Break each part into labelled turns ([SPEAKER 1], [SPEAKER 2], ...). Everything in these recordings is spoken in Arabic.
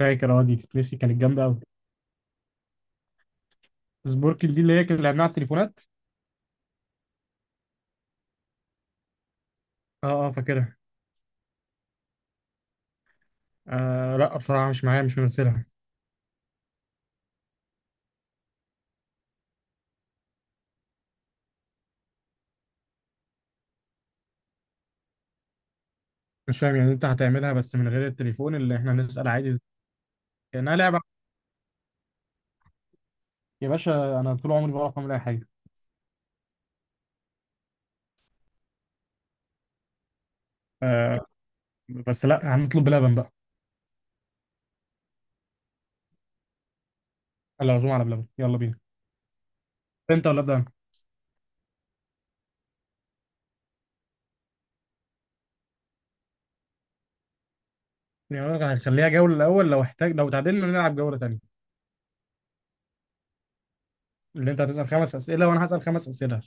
[SPEAKER 1] فاكر، اه دي تتنسي؟ كانت جامده قوي. سبوركل دي اللي هي كان لعبناها على التليفونات. اه فاكرها. آه لا، بصراحه مش معايا، مش منزلها. مش فاهم يعني، انت هتعملها بس من غير التليفون؟ اللي احنا نسال عادي كانها لعبه؟ يا باشا، انا طول عمري بعرف اعمل اي حاجه. آه، بس لا، هنطلب بلبن بقى. العزومه على بلبن، يلا بينا. انت ولا ابدا أنا؟ يعني أنا هنخليها جوله الاول، لو احتاج، لو تعادلنا نلعب جوله تانيه. اللي انت هتسال خمس اسئله وانا هسال خمس اسئله،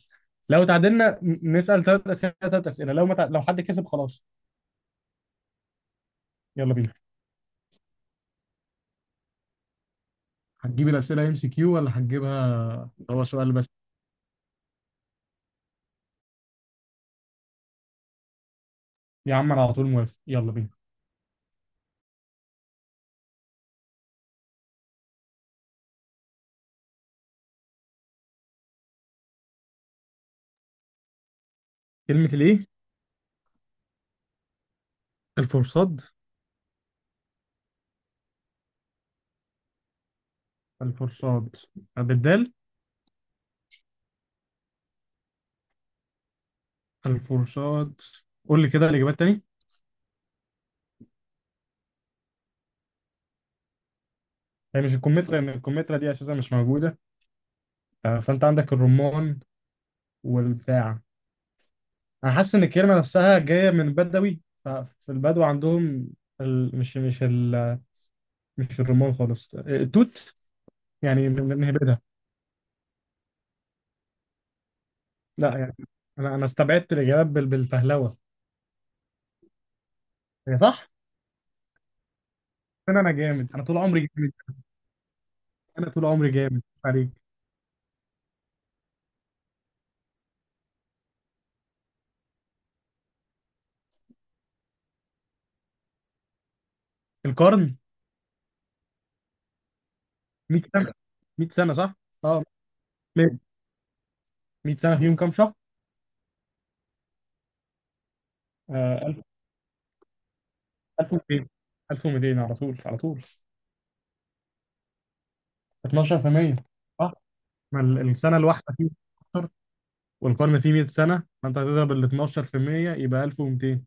[SPEAKER 1] لو تعادلنا نسال ثلاث اسئله ثلاث اسئله، لو ما تع... لو حد كسب خلاص. يلا بينا. هتجيب الأسئلة ام سي كيو، ولا هتجيبها اللي هو سؤال بس؟ يا عم أنا على طول موافق، يلا بينا. كلمة الإيه؟ الفرصاد. الفرصاد بالدال. الفرصاد، قول لي كده الإجابات تاني. هي مش الكمثرى، لأن الكمثرى دي أساسا مش موجودة. آه، فأنت عندك الرمان والبتاع. أنا حاسس إن الكلمة نفسها جاية من بدوي، ففي البدو عندهم ال... مش مش ال... مش الرمان خالص. آه، التوت. يعني بنهبدها. لا يعني، أنا استبعدت الإجابات بالفهلوة. هي صح؟ انا جامد، انا طول عمري جامد. انا طول عمري جامد عليك. القرن 100 سنه. 100 سنه صح. اه. 100 سنه فيهم كام شهر؟ آه، 1000. 1200. 1200، على طول على طول. 12%، صح. ما السنه الواحده فيه 12، والقرن فيه 100 سنه، فانت هتضرب ال 12%، يبقى 1200.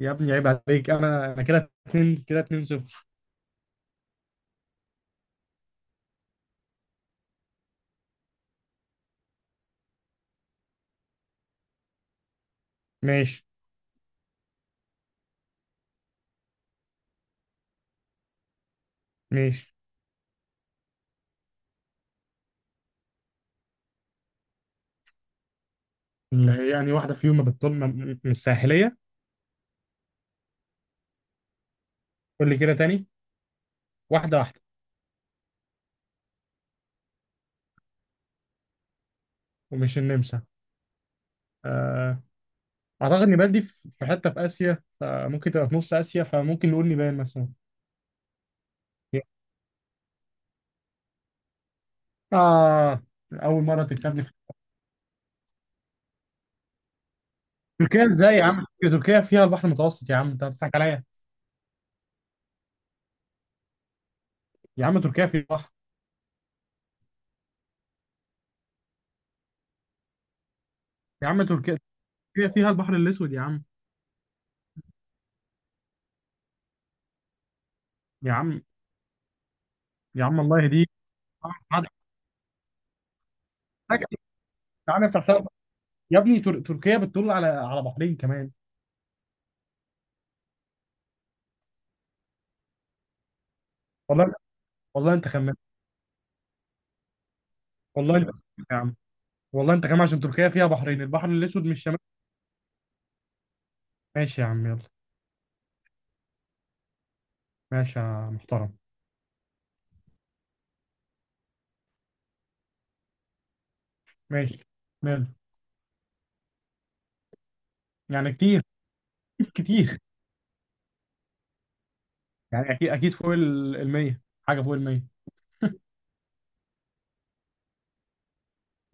[SPEAKER 1] يا ابني عيب عليك، انا انا كده 2، كده 2 0. ماشي ماشي. يعني واحده فيهم ما بتطل من الساحليه؟ قول لي كده تاني، واحده واحده. ومش النمسا. آه، اعتقد نيبال دي في حته في اسيا، فممكن تبقى في نص اسيا، فممكن نقول نيبال مثلا. اه، اول مره تكسبني في تركيا! ازاي يا عم؟ تركيا فيها البحر المتوسط يا عم، انت بتضحك عليا. يا عم تركيا فيها بحر. يا عم تركيا، تركيا فيها البحر الاسود يا عم. يا عم، يا عم الله يهديك. تعالى تعالى نفتح حساب. يا ابني، تركيا بتطل على بحرين كمان. والله. والله انت خمنت. والله انت خمنت يا عم. والله انت خمنت، عشان تركيا فيها بحرين، البحر الاسود مش شمال. ماشي يا عم، يلا. ماشي يا محترم. ماشي. ماله؟ يعني كتير. كتير. يعني اكيد اكيد فوق ال 100. حاجه فوق ال 100.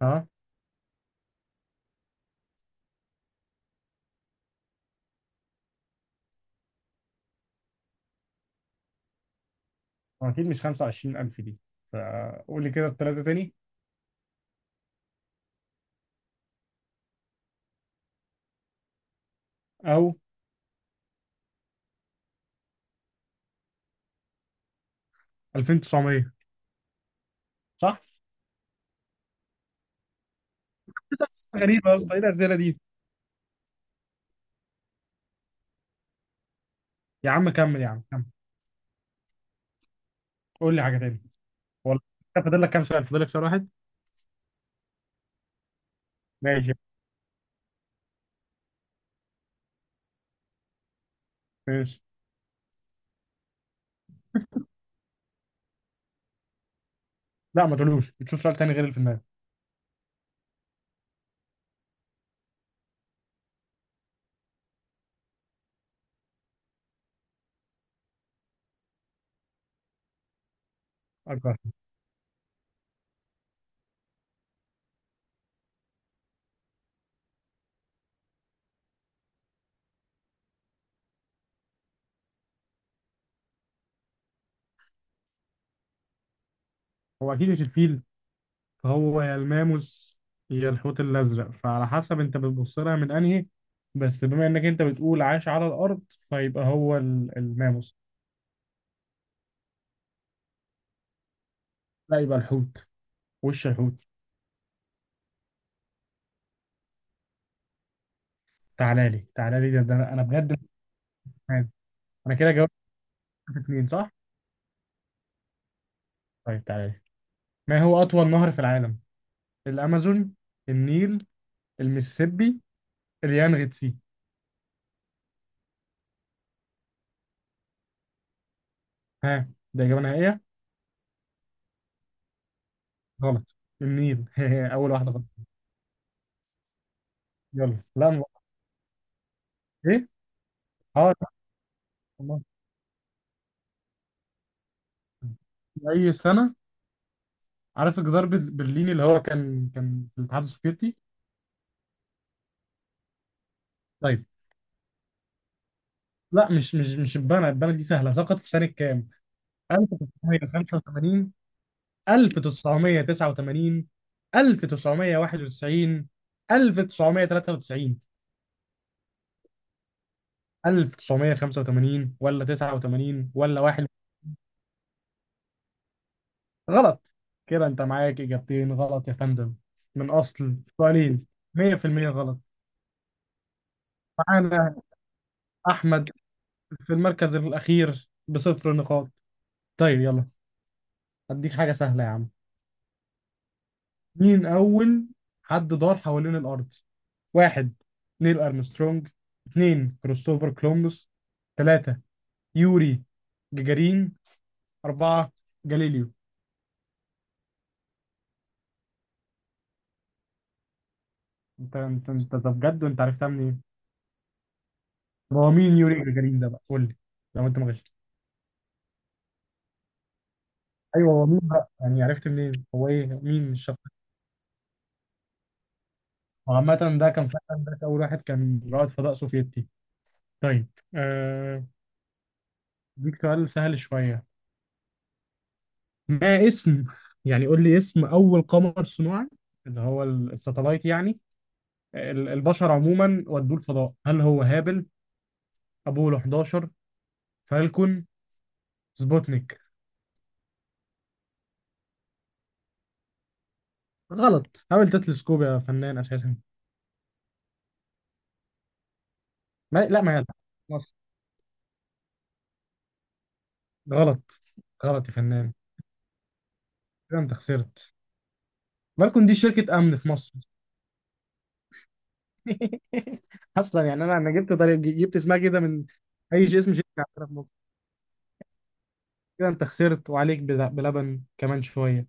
[SPEAKER 1] ها. اكيد مش 25,000 دي. فقول لي كده الثلاثه تاني. او 2900؟ صح. لسه؟ غريبه يا اسطى، ايه الاسئله دي. يا عم كمل، يا عم كمل. قول لي حاجه تاني. والله. أنت فاضل لك كام سؤال؟ فاضل لك سؤال واحد. ماشي ماشي. لا ما تقولوش، تشوف سؤال تاني غير اللي في دماغك. اكبر؟ هو اكيد مش الفيل، فهو يا الماموس يا الحوت الازرق، فعلى حسب انت بتبص لها من انهي. بس بما انك انت بتقول عاش على الارض، فيبقى هو الماموس. لا، يبقى الحوت. وش الحوت. تعالى لي، تعالى لي ده، ده انا، أنا بجد مش فاهم. انا كده جاوبت في اتنين صح؟ طيب تعالى لي. ما هو اطول نهر في العالم؟ الامازون، النيل، المسيسيبي، اليانغتسي. ها، ده اجابه نهائيه؟ غلط. النيل. اول واحده غلط. يلا لا ايه؟ اه لا، والله. اي سنه، عارف جدار برلين اللي هو كان في الاتحاد السوفيتي؟ طيب، لا مش البنا دي سهله. سقط في سنه كام؟ 1985، 1989، 1991، 1993. 1985 ولا 89 ولا واحد. غلط. كده انت معاك اجابتين غلط يا فندم، من اصل سؤالين، 100% غلط. معانا احمد في المركز الاخير بصفر نقاط. طيب يلا، هديك حاجه سهله يا عم. مين اول حد دار حوالين الارض؟ واحد، نيل ارمسترونج. اثنين، كريستوفر كولومبوس. ثلاثة، يوري جاجارين. أربعة، جاليليو. أنت طب بجد، وأنت عرفتها منين؟ طب هو مين يوري جاجارين ده بقى؟ قول لي، لو أنت ما غششت. أيوه، هو مين بقى؟ يعني عرفت منين؟ هو إيه، مين الشخص ده؟ وعامة، ده كان فعلا ده أول واحد كان رائد فضاء سوفيتي. طيب. آه. ديك سؤال سهل شوية. ما اسم، يعني قول لي اسم أول قمر صناعي، اللي هو الساتلايت يعني، البشر عموما ودوه الفضاء؟ هل هو هابل، أبولو 11، فالكون، سبوتنيك؟ غلط، حاول تتلسكوب يا فنان اساسا. ما لا ما يلعب مصر. غلط، غلط يا فنان. كده انت خسرت. بالكون دي شركة امن في مصر. اصلا يعني، انا انا جبت طريق، جبت اسمها كده من اي شيء، اسم شركة عندنا في مصر. كده انت خسرت، وعليك بلبن كمان شوية.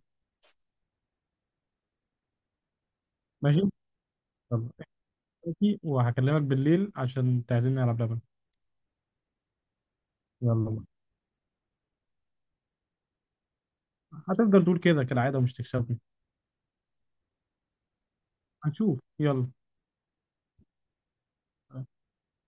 [SPEAKER 1] ماشي. يلا، احكي وهكلمك بالليل عشان تعزمني على بلبن. يلا، هتفضل تقول كده كالعادة ومش تكسبني. هنشوف، يلا.